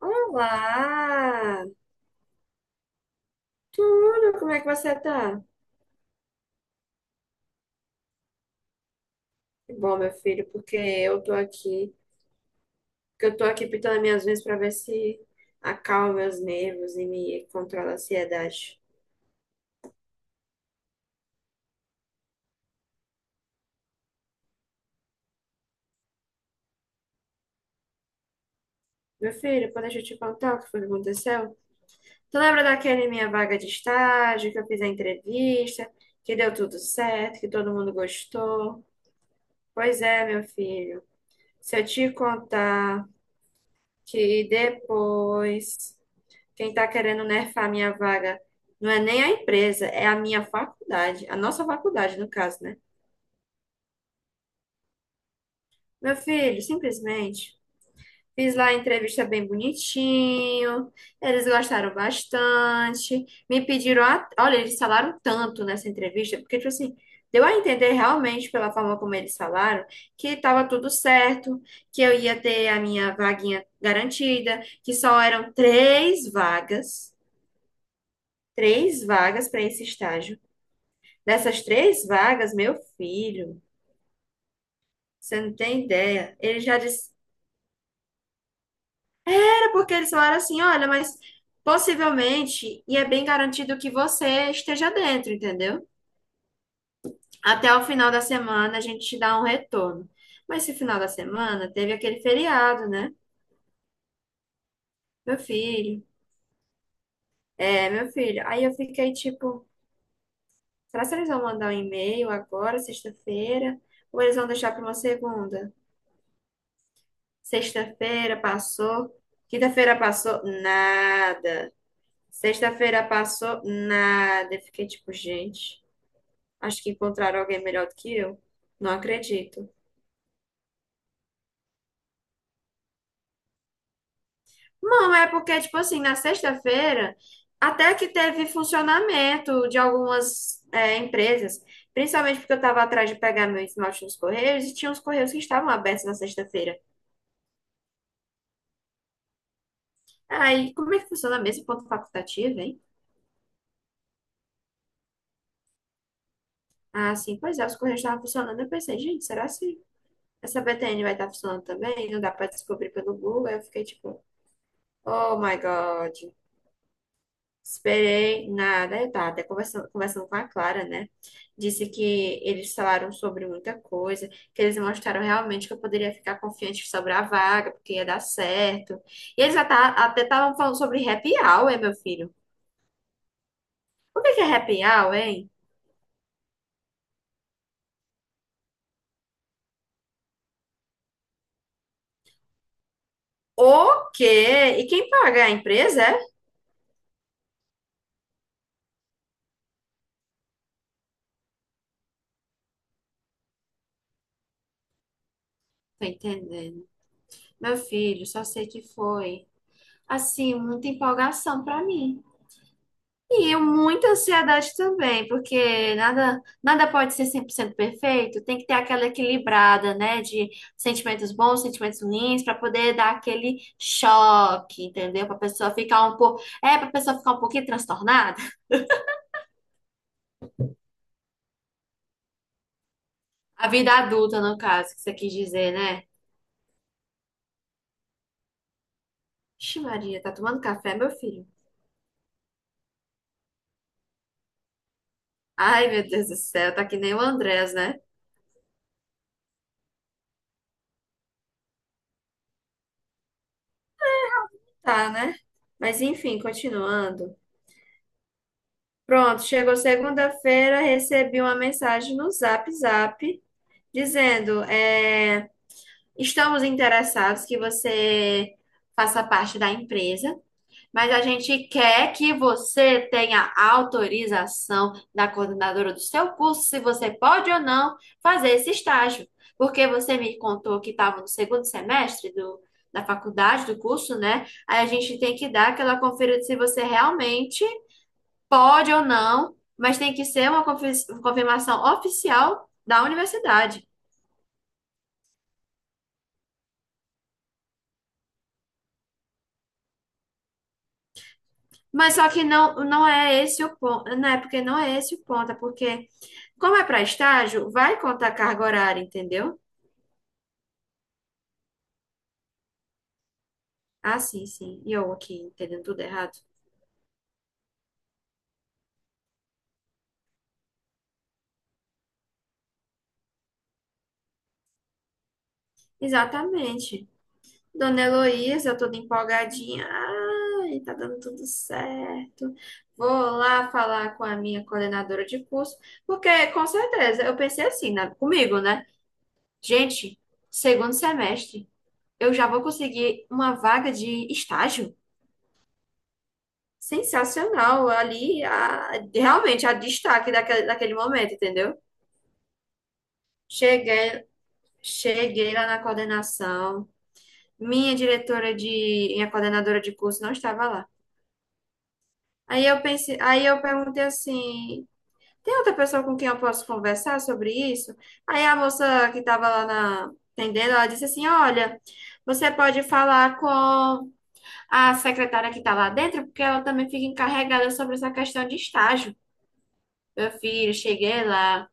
Olá! Tudo? Como é que você tá? Que bom, meu filho, porque eu tô aqui, pintando minhas unhas pra ver se acalma meus nervos e me controla a ansiedade. Meu filho, pô, deixa eu te contar o que foi que aconteceu. Tu lembra daquele minha vaga de estágio, que eu fiz a entrevista, que deu tudo certo, que todo mundo gostou? Pois é, meu filho. Se eu te contar que depois Quem está querendo nerfar a minha vaga não é nem a empresa, é a minha faculdade, a nossa faculdade, no caso, né? Meu filho, simplesmente fiz lá a entrevista bem bonitinho, eles gostaram bastante, olha, eles falaram tanto nessa entrevista, porque, tipo assim, deu a entender realmente pela forma como eles falaram que estava tudo certo, que eu ia ter a minha vaguinha garantida, que só eram três vagas para esse estágio. Dessas três vagas, meu filho, você não tem ideia. Era porque eles falaram assim, olha, mas possivelmente, e é bem garantido que você esteja dentro, entendeu? Até o final da semana a gente te dá um retorno. Mas esse final da semana teve aquele feriado, né? Meu filho, é, meu filho. Aí eu fiquei tipo, será que eles vão mandar um e-mail agora, sexta-feira? Ou eles vão deixar para uma segunda? Sexta-feira passou, quinta-feira passou, nada. Sexta-feira passou nada. Eu Fiquei tipo, gente, acho que encontraram alguém melhor do que eu. Não acredito. Não, é porque, tipo assim, na sexta-feira, até que teve funcionamento de empresas, principalmente porque eu tava atrás de pegar meu esmalte nos correios e tinha uns correios que estavam abertos na sexta-feira. Aí, como é que funciona mesmo ponto facultativo, hein? Ah, sim, pois é, os correios estavam funcionando. Eu pensei, gente, será que essa BTN vai estar funcionando também? Não dá pra descobrir pelo Google. Aí eu fiquei tipo. Oh my God. Esperei nada. Eu tava até conversando com a Clara, né? Disse que eles falaram sobre muita coisa, que eles mostraram realmente que eu poderia ficar confiante sobre a vaga, porque ia dar certo. E até estavam falando sobre happy hour, meu filho. O que que é happy hour, hein? O quê? E quem paga? É A empresa, é? Tô entendendo. Meu filho, só sei que foi, assim, muita empolgação pra mim. E muita ansiedade também, porque nada pode ser 100% perfeito, tem que ter aquela equilibrada, né, de sentimentos bons, sentimentos ruins, para poder dar aquele choque, entendeu? Para pessoa ficar um pouquinho transtornada. A vida adulta, no caso, que você quis dizer, né? Ixi, Maria, tá tomando café, meu filho? Ai, meu Deus do céu, tá que nem o Andrés, né? Tá, né? Mas enfim, continuando. Pronto, chegou segunda-feira, recebi uma mensagem no Zap Zap dizendo: estamos interessados que você faça parte da empresa, mas a gente quer que você tenha autorização da coordenadora do seu curso, se você pode ou não fazer esse estágio. Porque você me contou que estava no da faculdade, do curso, né? Aí a gente tem que dar aquela conferida se você realmente pode ou não, mas tem que ser uma confirmação oficial da universidade. Mas só que não, não é porque não é esse o ponto, é porque, como é para estágio, vai contar carga horária, entendeu? Ah, sim, sim. E eu aqui entendendo tudo errado. Exatamente. Dona Heloísa, eu toda empolgadinha. Ai, tá dando tudo certo. Vou lá falar com a minha coordenadora de curso, porque com certeza eu pensei assim, né, comigo, né? Gente, segundo semestre, eu já vou conseguir uma vaga de estágio. Realmente a destaque daquele momento, entendeu? Cheguei, Cheguei lá na coordenação, minha diretora de, minha coordenadora de curso não estava lá. Aí eu perguntei assim, tem outra pessoa com quem eu posso conversar sobre isso? Aí a moça que estava lá na atendendo, ela disse assim, olha, você pode falar com a secretária que está lá dentro, porque ela também fica encarregada sobre essa questão de estágio. Meu filho, cheguei lá.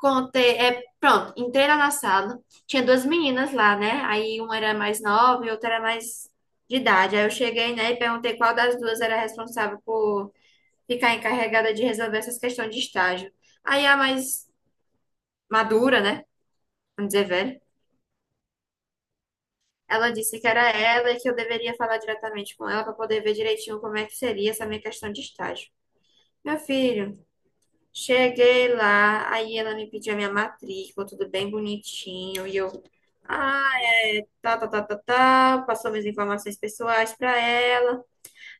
Contei, é, pronto, entrei lá na sala, tinha duas meninas lá, né? Aí uma era mais nova e outra era mais de idade. Aí eu cheguei, né, e perguntei qual das duas era responsável por ficar encarregada de resolver essas questões de estágio. Aí a mais madura, né, vamos dizer velha, ela disse que era ela e que eu deveria falar diretamente com ela para poder ver direitinho como é que seria essa minha questão de estágio. Meu filho, cheguei lá, aí ela me pediu a minha matrícula, tudo bem bonitinho, e eu. "Ah, tá. Passou minhas informações pessoais para ela.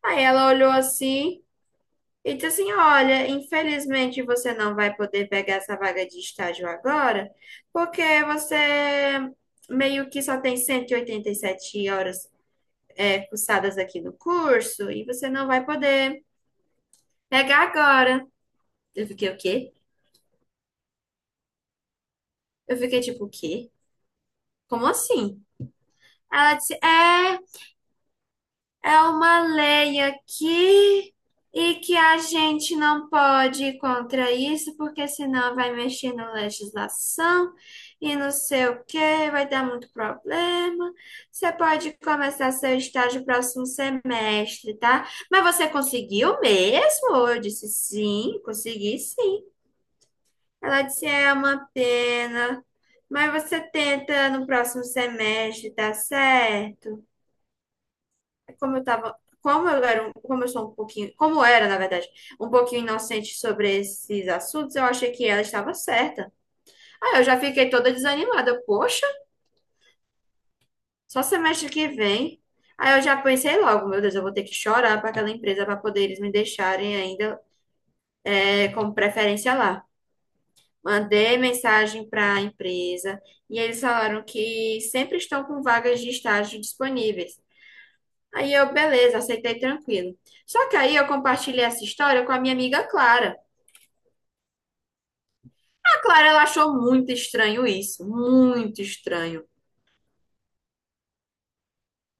Aí ela olhou assim e disse assim: Olha, infelizmente você não vai poder pegar essa vaga de estágio agora, porque você meio que só tem cento e oitenta e sete horas cursadas aqui no curso e você não vai poder pegar agora. Eu fiquei o quê? Eu fiquei tipo, o quê? Como assim? Ela disse: É. É uma lei aqui e que a gente não pode ir contra isso, porque senão vai mexer na legislação e não sei o que, vai dar muito problema. Você pode começar seu estágio próximo semestre, tá? Mas você conseguiu mesmo? Eu disse sim, consegui sim. Ela disse é uma pena, mas você tenta no próximo semestre, tá certo? Como eu tava, como eu era, um- como eu sou um pouquinho, Como eu era, na verdade, um pouquinho inocente sobre esses assuntos, eu achei que ela estava certa. Aí eu já fiquei toda desanimada. Eu, Poxa, só semestre que vem. Aí eu já pensei logo, meu Deus, eu vou ter que chorar para aquela empresa para poder eles me deixarem ainda como preferência lá. Mandei mensagem para a empresa e eles falaram que sempre estão com vagas de estágio disponíveis. Aí eu, beleza, aceitei tranquilo. Só que aí eu compartilhei essa história com a minha amiga Clara. A Clara, ela achou muito estranho isso, muito estranho.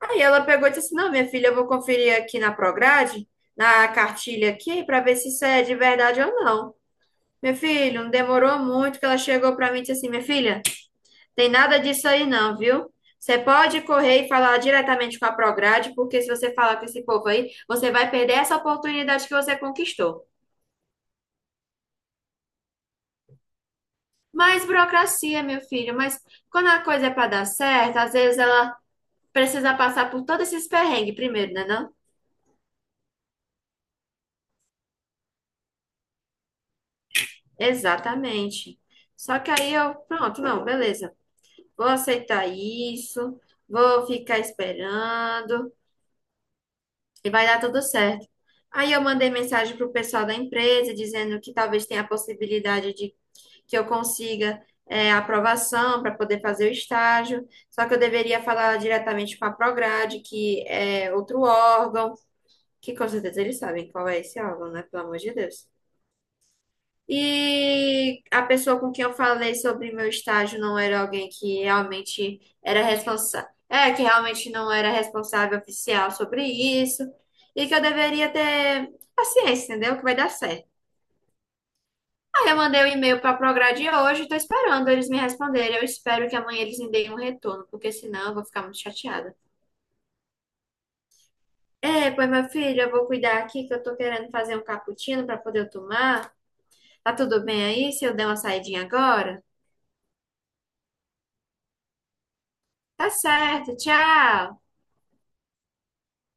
Aí ela pegou e disse assim, não, minha filha, eu vou conferir aqui na Prograde, na cartilha aqui, para ver se isso é de verdade ou não. Meu filho, não demorou muito que ela chegou para mim e disse assim, minha filha, tem nada disso aí não, viu? Você pode correr e falar diretamente com a Prograde, porque se você falar com esse povo aí, você vai perder essa oportunidade que você conquistou. Mais burocracia, meu filho, mas quando a coisa é para dar certo, às vezes ela precisa passar por todos esses perrengues primeiro, né, não? Exatamente. Só que aí eu, pronto, não, beleza. Vou aceitar isso, vou ficar esperando e vai dar tudo certo. Aí eu mandei mensagem pro pessoal da empresa dizendo que talvez tenha a possibilidade de que eu consiga aprovação para poder fazer o estágio. Só que eu deveria falar diretamente com a Prograde, que é outro órgão. Que com certeza eles sabem qual é esse álbum, né? Pelo amor de Deus. E a pessoa com quem eu falei sobre meu estágio não era alguém que realmente era responsável, que realmente não era responsável oficial sobre isso, e que eu deveria ter paciência, entendeu? Que vai dar certo. Aí eu mandei o um e-mail para a Prograde hoje e tô esperando eles me responderem. Eu espero que amanhã eles me deem um retorno, porque senão eu vou ficar muito chateada. É, pois meu filho, eu vou cuidar aqui que eu tô querendo fazer um cappuccino para poder eu tomar. Tá tudo bem aí se eu der uma saidinha agora? Tá certo, tchau!